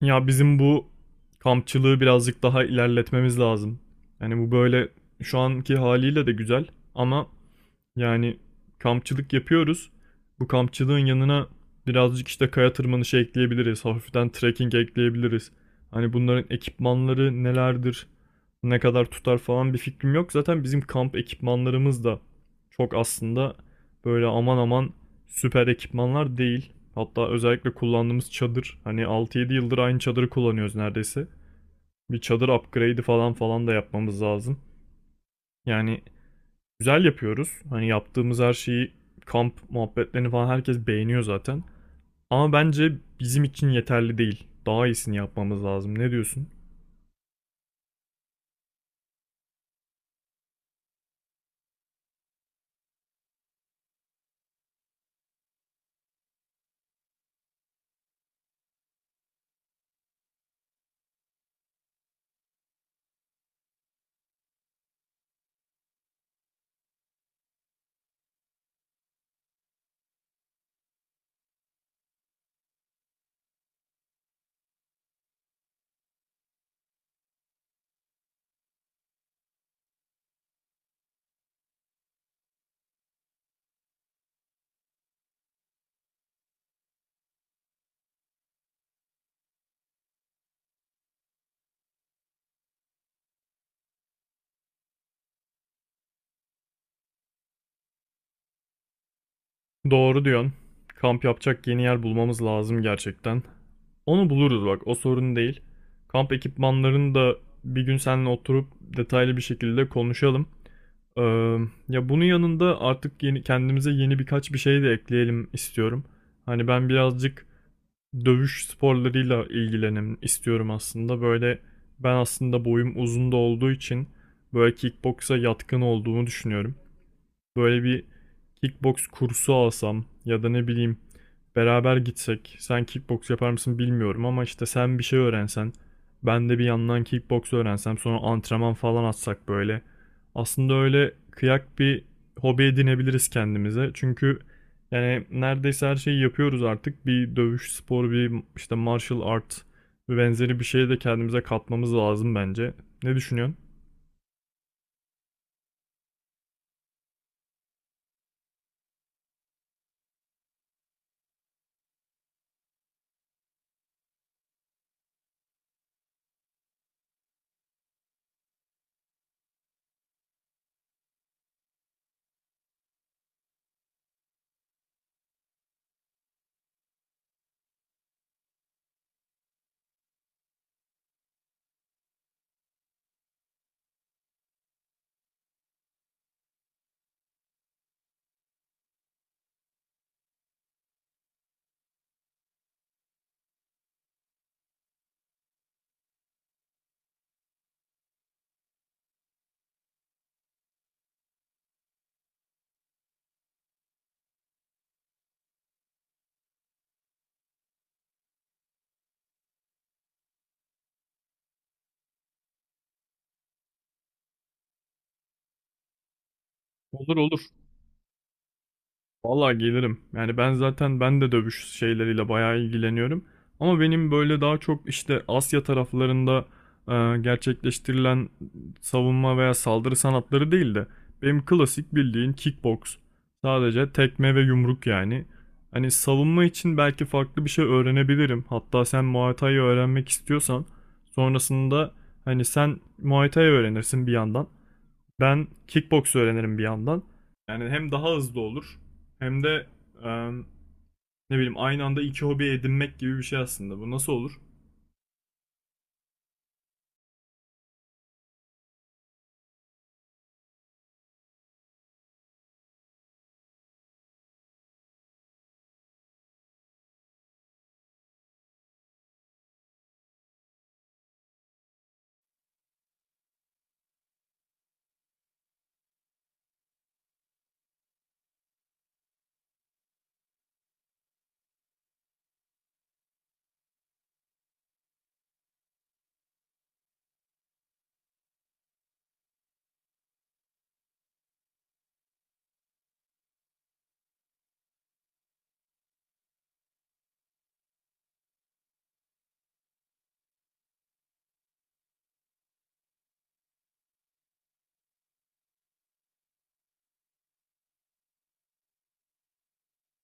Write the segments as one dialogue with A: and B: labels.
A: Ya bizim bu kampçılığı birazcık daha ilerletmemiz lazım. Yani bu böyle şu anki haliyle de güzel ama yani kampçılık yapıyoruz. Bu kampçılığın yanına birazcık işte kaya tırmanışı ekleyebiliriz. Hafiften trekking ekleyebiliriz. Hani bunların ekipmanları nelerdir, ne kadar tutar falan bir fikrim yok. Zaten bizim kamp ekipmanlarımız da çok aslında böyle aman aman süper ekipmanlar değil. Hatta özellikle kullandığımız çadır. Hani 6-7 yıldır aynı çadırı kullanıyoruz neredeyse. Bir çadır upgrade'i falan falan da yapmamız lazım. Yani güzel yapıyoruz. Hani yaptığımız her şeyi kamp muhabbetlerini falan herkes beğeniyor zaten. Ama bence bizim için yeterli değil. Daha iyisini yapmamız lazım. Ne diyorsun? Doğru diyorsun. Kamp yapacak yeni yer bulmamız lazım gerçekten. Onu buluruz bak, o sorun değil. Kamp ekipmanlarını da bir gün seninle oturup detaylı bir şekilde konuşalım. Ee, ya bunun yanında artık yeni kendimize yeni birkaç bir şey de ekleyelim istiyorum. Hani ben birazcık dövüş sporlarıyla ilgilenim istiyorum aslında. Böyle ben aslında boyum uzun da olduğu için böyle kickboksa yatkın olduğumu düşünüyorum. Böyle bir kickbox kursu alsam ya da ne bileyim beraber gitsek. Sen kickbox yapar mısın bilmiyorum ama işte sen bir şey öğrensen, ben de bir yandan kickbox öğrensem, sonra antrenman falan atsak böyle. Aslında öyle kıyak bir hobi edinebiliriz kendimize. Çünkü yani neredeyse her şeyi yapıyoruz artık. Bir dövüş sporu, bir işte martial art ve benzeri bir şeye de kendimize katmamız lazım bence. Ne düşünüyorsun? Olur olur. Vallahi gelirim. Yani ben zaten ben de dövüş şeyleriyle bayağı ilgileniyorum. Ama benim böyle daha çok işte Asya taraflarında gerçekleştirilen savunma veya saldırı sanatları değil de benim klasik bildiğin kickbox. Sadece tekme ve yumruk yani. Hani savunma için belki farklı bir şey öğrenebilirim. Hatta sen Muay Thai öğrenmek istiyorsan sonrasında hani sen Muay Thai öğrenirsin bir yandan. Ben kickbox öğrenirim bir yandan. Yani hem daha hızlı olur hem de e, ne bileyim aynı anda iki hobi edinmek gibi bir şey aslında. Bu nasıl olur?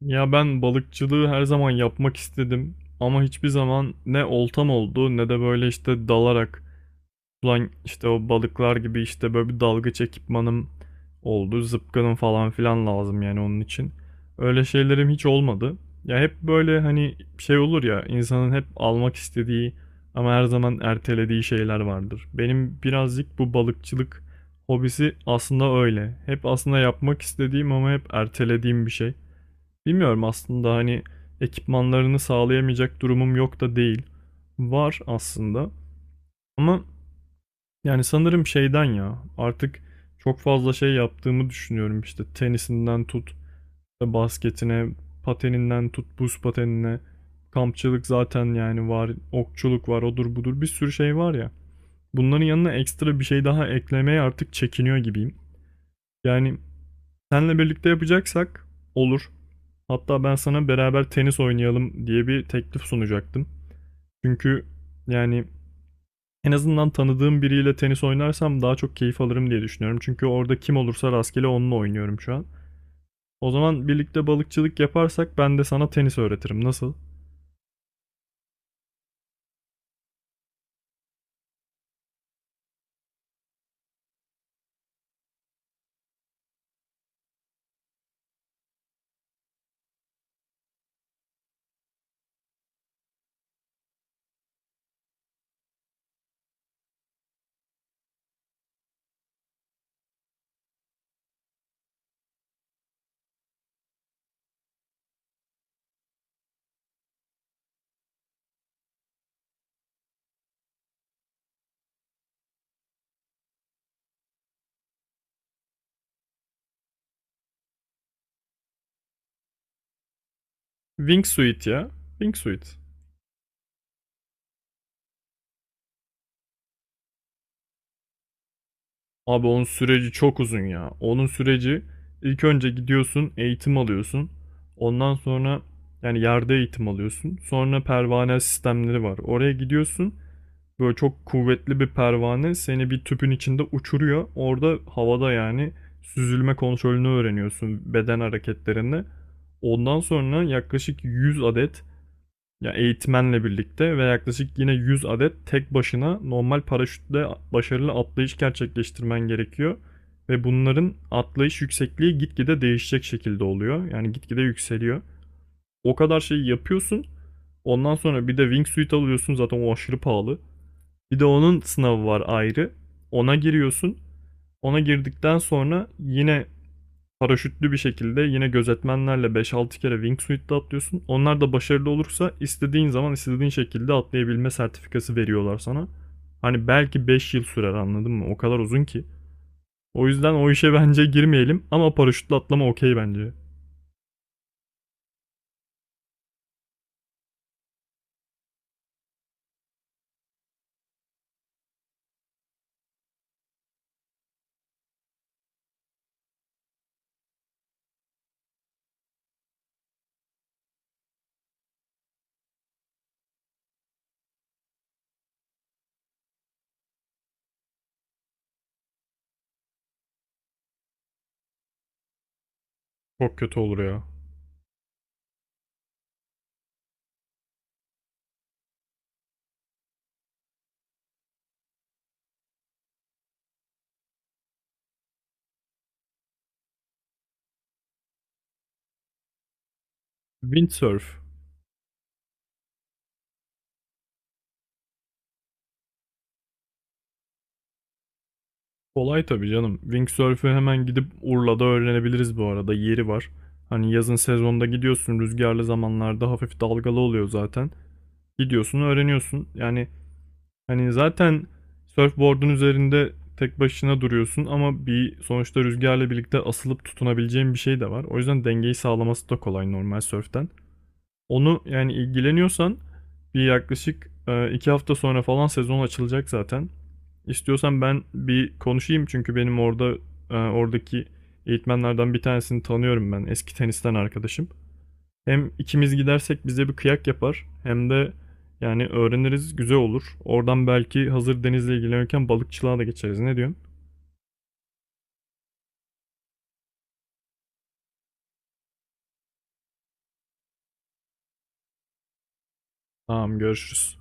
A: Ya ben balıkçılığı her zaman yapmak istedim ama hiçbir zaman ne oltam oldu ne de böyle işte dalarak Ulan işte o balıklar gibi işte böyle bir dalgıç ekipmanım oldu. Zıpkınım falan filan lazım yani onun için. Öyle şeylerim hiç olmadı. Ya hep böyle hani şey olur ya insanın hep almak istediği ama her zaman ertelediği şeyler vardır. Benim birazcık bu balıkçılık hobisi aslında öyle. Hep aslında yapmak istediğim ama hep ertelediğim bir şey. Bilmiyorum aslında hani ekipmanlarını sağlayamayacak durumum yok da değil. Var aslında. Ama yani sanırım şeyden ya artık çok fazla şey yaptığımı düşünüyorum işte tenisinden tut basketine pateninden tut buz patenine kampçılık zaten yani var okçuluk var odur budur bir sürü şey var ya bunların yanına ekstra bir şey daha eklemeye artık çekiniyor gibiyim. Yani senle birlikte yapacaksak olur hatta ben sana beraber tenis oynayalım diye bir teklif sunacaktım. Çünkü yani en azından tanıdığım biriyle tenis oynarsam daha çok keyif alırım diye düşünüyorum. Çünkü orada kim olursa rastgele onunla oynuyorum şu an. O zaman birlikte balıkçılık yaparsak ben de sana tenis öğretirim. Nasıl? Wingsuit ya. Wingsuit. Abi onun süreci çok uzun ya. Onun süreci ilk önce gidiyorsun, eğitim alıyorsun. Ondan sonra yani yerde eğitim alıyorsun. Sonra pervane sistemleri var. Oraya gidiyorsun. Böyle çok kuvvetli bir pervane seni bir tüpün içinde uçuruyor. Orada havada yani süzülme kontrolünü öğreniyorsun beden hareketlerini. Ondan sonra yaklaşık 100 adet ya yani eğitmenle birlikte ve yaklaşık yine 100 adet tek başına normal paraşütle başarılı atlayış gerçekleştirmen gerekiyor. Ve bunların atlayış yüksekliği gitgide değişecek şekilde oluyor. Yani gitgide yükseliyor. O kadar şeyi yapıyorsun. Ondan sonra bir de wingsuit alıyorsun zaten o aşırı pahalı. Bir de onun sınavı var ayrı. Ona giriyorsun. Ona girdikten sonra yine paraşütlü bir şekilde yine gözetmenlerle 5-6 kere wingsuit'te atlıyorsun. Onlar da başarılı olursa istediğin zaman istediğin şekilde atlayabilme sertifikası veriyorlar sana. Hani belki 5 yıl sürer anladın mı? O kadar uzun ki. O yüzden o işe bence girmeyelim ama paraşütle atlama okey bence. Çok kötü olur ya. Windsurf. Kolay tabii canım. Windsurf'ü hemen gidip Urla'da öğrenebiliriz bu arada. Yeri var. Hani yazın sezonda gidiyorsun rüzgarlı zamanlarda hafif dalgalı oluyor zaten. Gidiyorsun öğreniyorsun. Yani hani zaten surfboard'un üzerinde tek başına duruyorsun ama bir sonuçta rüzgarla birlikte asılıp tutunabileceğin bir şey de var. O yüzden dengeyi sağlaması da kolay normal surf'ten. Onu yani ilgileniyorsan bir yaklaşık 2 hafta sonra falan sezon açılacak zaten. İstiyorsan ben bir konuşayım çünkü benim orada oradaki eğitmenlerden bir tanesini tanıyorum ben. Eski tenisten arkadaşım. Hem ikimiz gidersek bize bir kıyak yapar hem de yani öğreniriz güzel olur. Oradan belki hazır denizle ilgilenirken balıkçılığa da geçeriz. Ne diyorsun? Tamam görüşürüz.